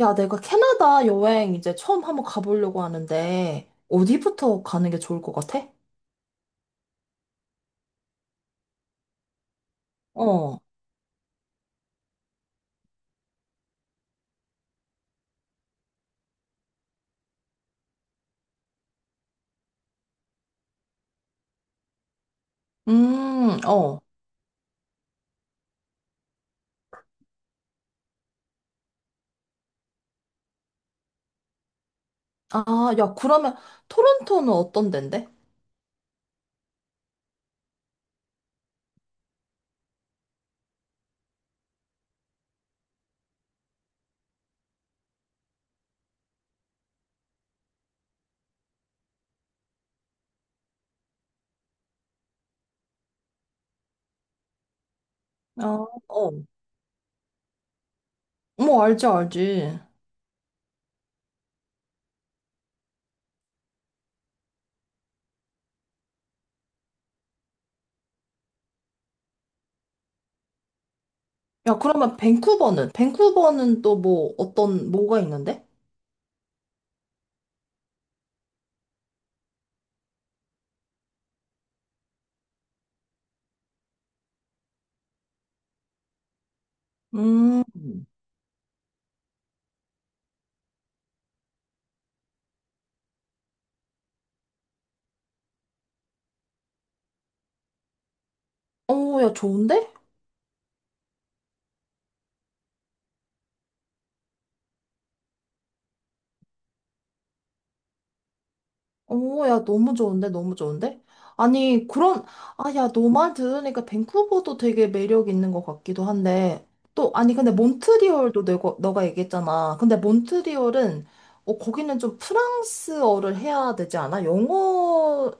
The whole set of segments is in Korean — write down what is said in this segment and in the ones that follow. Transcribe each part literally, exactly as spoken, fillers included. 야, 내가 캐나다 여행 이제 처음 한번 가보려고 하는데, 어디부터 가는 게 좋을 것 같아? 어, 음, 어. 아, 야, 그러면 토론토는 어떤 데인데? 아, 어. 뭐, 알지, 알지. 야, 그러면 밴쿠버는? 밴쿠버는 또 뭐, 어떤, 뭐가 있는데? 음, 어, 야, 좋은데? 오, 야, 너무 좋은데? 너무 좋은데? 아니, 그런, 아, 야, 너 말 들으니까 밴쿠버도 되게 매력 있는 것 같기도 한데, 또, 아니, 근데 몬트리올도 너가, 너가 얘기했잖아. 근데 몬트리올은, 어, 거기는 좀 프랑스어를 해야 되지 않아? 영어,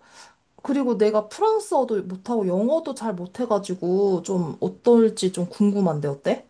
그리고 내가 프랑스어도 못하고 영어도 잘 못해가지고, 좀 어떨지 좀 궁금한데, 어때?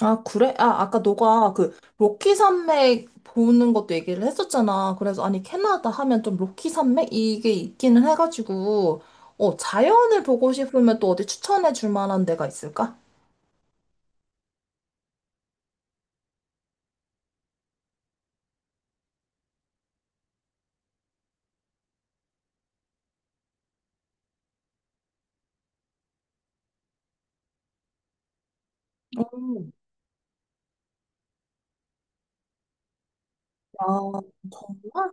아, 그래? 아, 아까 너가 그 로키 산맥 보는 것도 얘기를 했었잖아. 그래서 아니, 캐나다 하면 좀 로키 산맥? 이게 있기는 해가지고, 어, 자연을 보고 싶으면 또 어디 추천해 줄 만한 데가 있을까? 음. 아, 정말?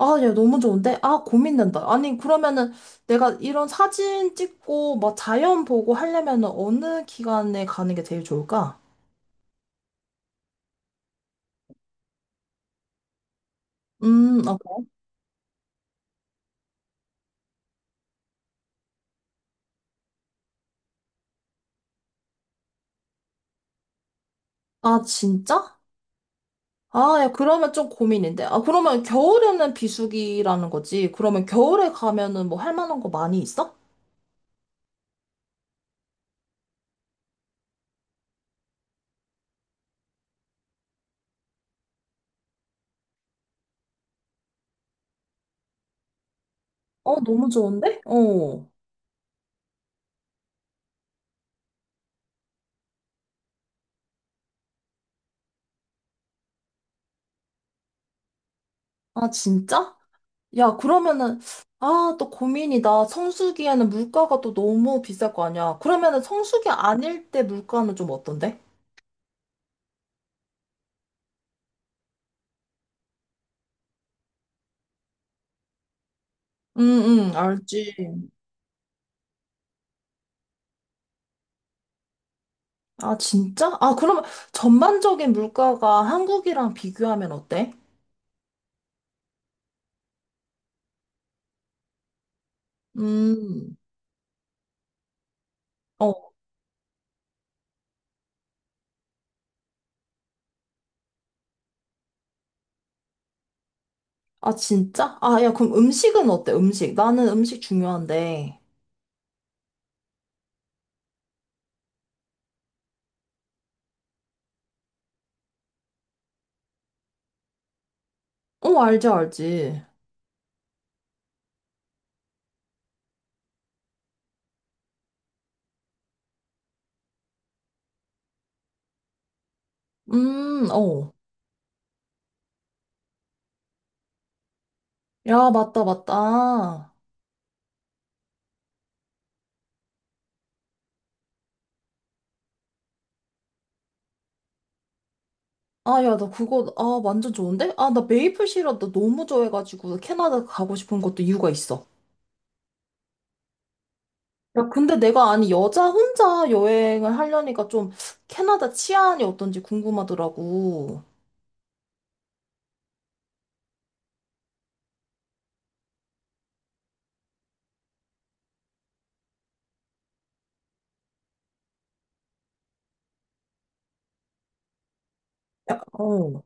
아, 야, 너무 좋은데? 아, 고민된다. 아니, 그러면은 내가 이런 사진 찍고 막 자연 보고 하려면은 어느 기간에 가는 게 제일 좋을까? 음, 아, 아, 진짜? 아, 야, 그러면 좀 고민인데. 아, 그러면 겨울에는 비수기라는 거지. 그러면 겨울에 가면은 뭐 할 만한 거 많이 있어? 어, 너무 좋은데? 어. 아, 진짜? 야, 그러면은, 아, 또 고민이다. 성수기에는 물가가 또 너무 비쌀 거 아니야. 그러면은 성수기 아닐 때 물가는 좀 어떤데? 응, 응, 알지. 아, 진짜? 아, 그러면 전반적인 물가가 한국이랑 비교하면 어때? 음. 어. 아, 진짜? 아, 야, 그럼 음식은 어때? 음식. 나는 음식 중요한데. 어, 알지, 알지. 음, 어. 야, 맞다, 맞다. 아, 야, 나 그거, 아, 완전 좋은데? 아, 나 메이플 시럽 나 너무 좋아해가지고 캐나다 가고 싶은 것도 이유가 있어. 야, 근데 내가, 아니, 여자 혼자 여행을 하려니까 좀 캐나다 치안이 어떤지 궁금하더라고. 어.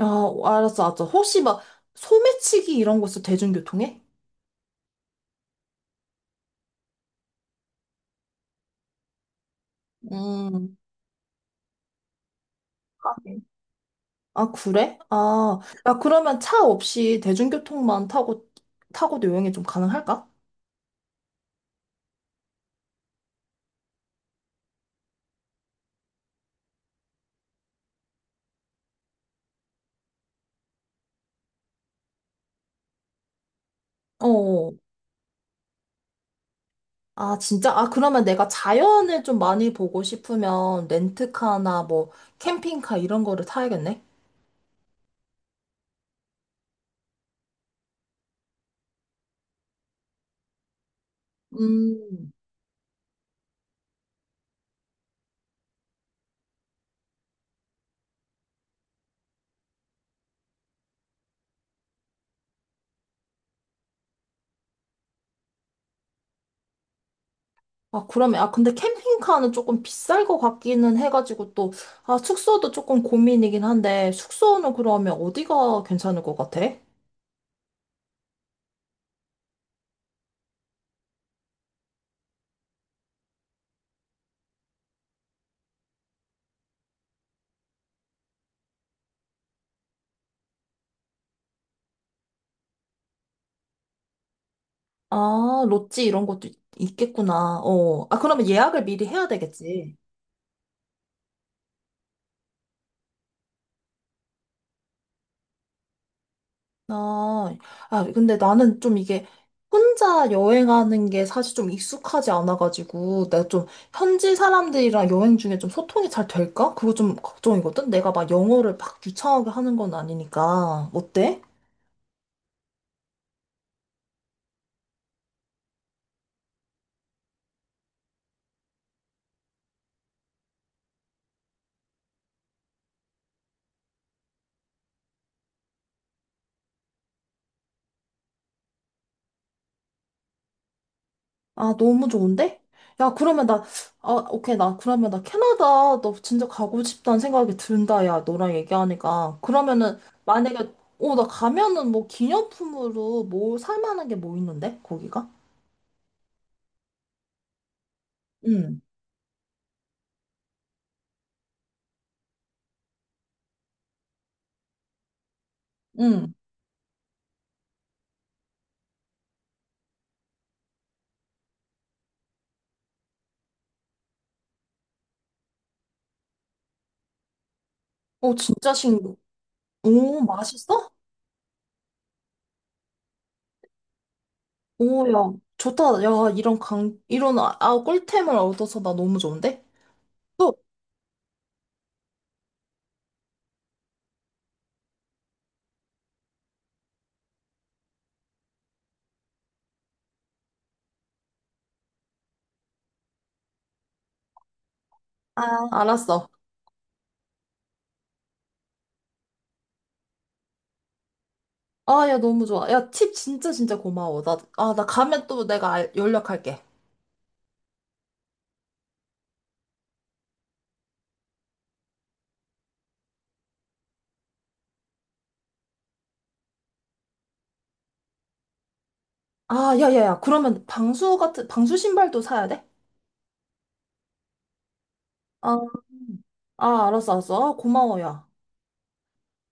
야, 알았어, 알았어. 혹시 막 소매치기 이런 거 있어? 대중교통에? 음. 아, 그래? 아, 야, 그러면 차 없이 대중교통만 타고, 타고도 여행이 좀 가능할까? 어. 아, 진짜? 아, 그러면 내가 자연을 좀 많이 보고 싶으면 렌트카나 뭐 캠핑카 이런 거를 타야겠네? 음. 아, 그러면, 아, 근데 캠핑카는 조금 비쌀 것 같기는 해가지고 또, 아, 숙소도 조금 고민이긴 한데, 숙소는 그러면 어디가 괜찮을 것 같아? 아, 롯지 이런 것도 있- 있겠구나. 어. 아, 그러면 예약을 미리 해야 되겠지. 아, 아, 근데 나는 좀 이게 혼자 여행하는 게 사실 좀 익숙하지 않아가지고, 내가 좀 현지 사람들이랑 여행 중에 좀 소통이 잘 될까? 그거 좀 걱정이거든? 내가 막 영어를 막 유창하게 하는 건 아니니까. 어때? 아, 너무 좋은데? 야, 그러면 나, 아, 오케이. 나, 그러면 나 캐나다 너 진짜 가고 싶다는 생각이 든다. 야, 너랑 얘기하니까. 그러면은, 만약에, 어, 나 가면은 뭐 기념품으로 뭐 살 만한 게 뭐 있는데? 거기가? 응. 응. 어, 진짜 신기해. 오, 맛있어? 오, 야, 좋다. 야, 이런 강, 이런, 아, 아, 꿀템을 얻어서 나 너무 좋은데? 또, 아, 알았어. 아, 야, 너무 좋아. 야, 팁 진짜 진짜 고마워. 나, 아, 나 가면 또 내가 알- 연락할게. 아, 야, 야, 야. 그러면 방수 같은, 방수 신발도 사야 돼? 아, 아, 알았어, 알았어. 아, 고마워, 야.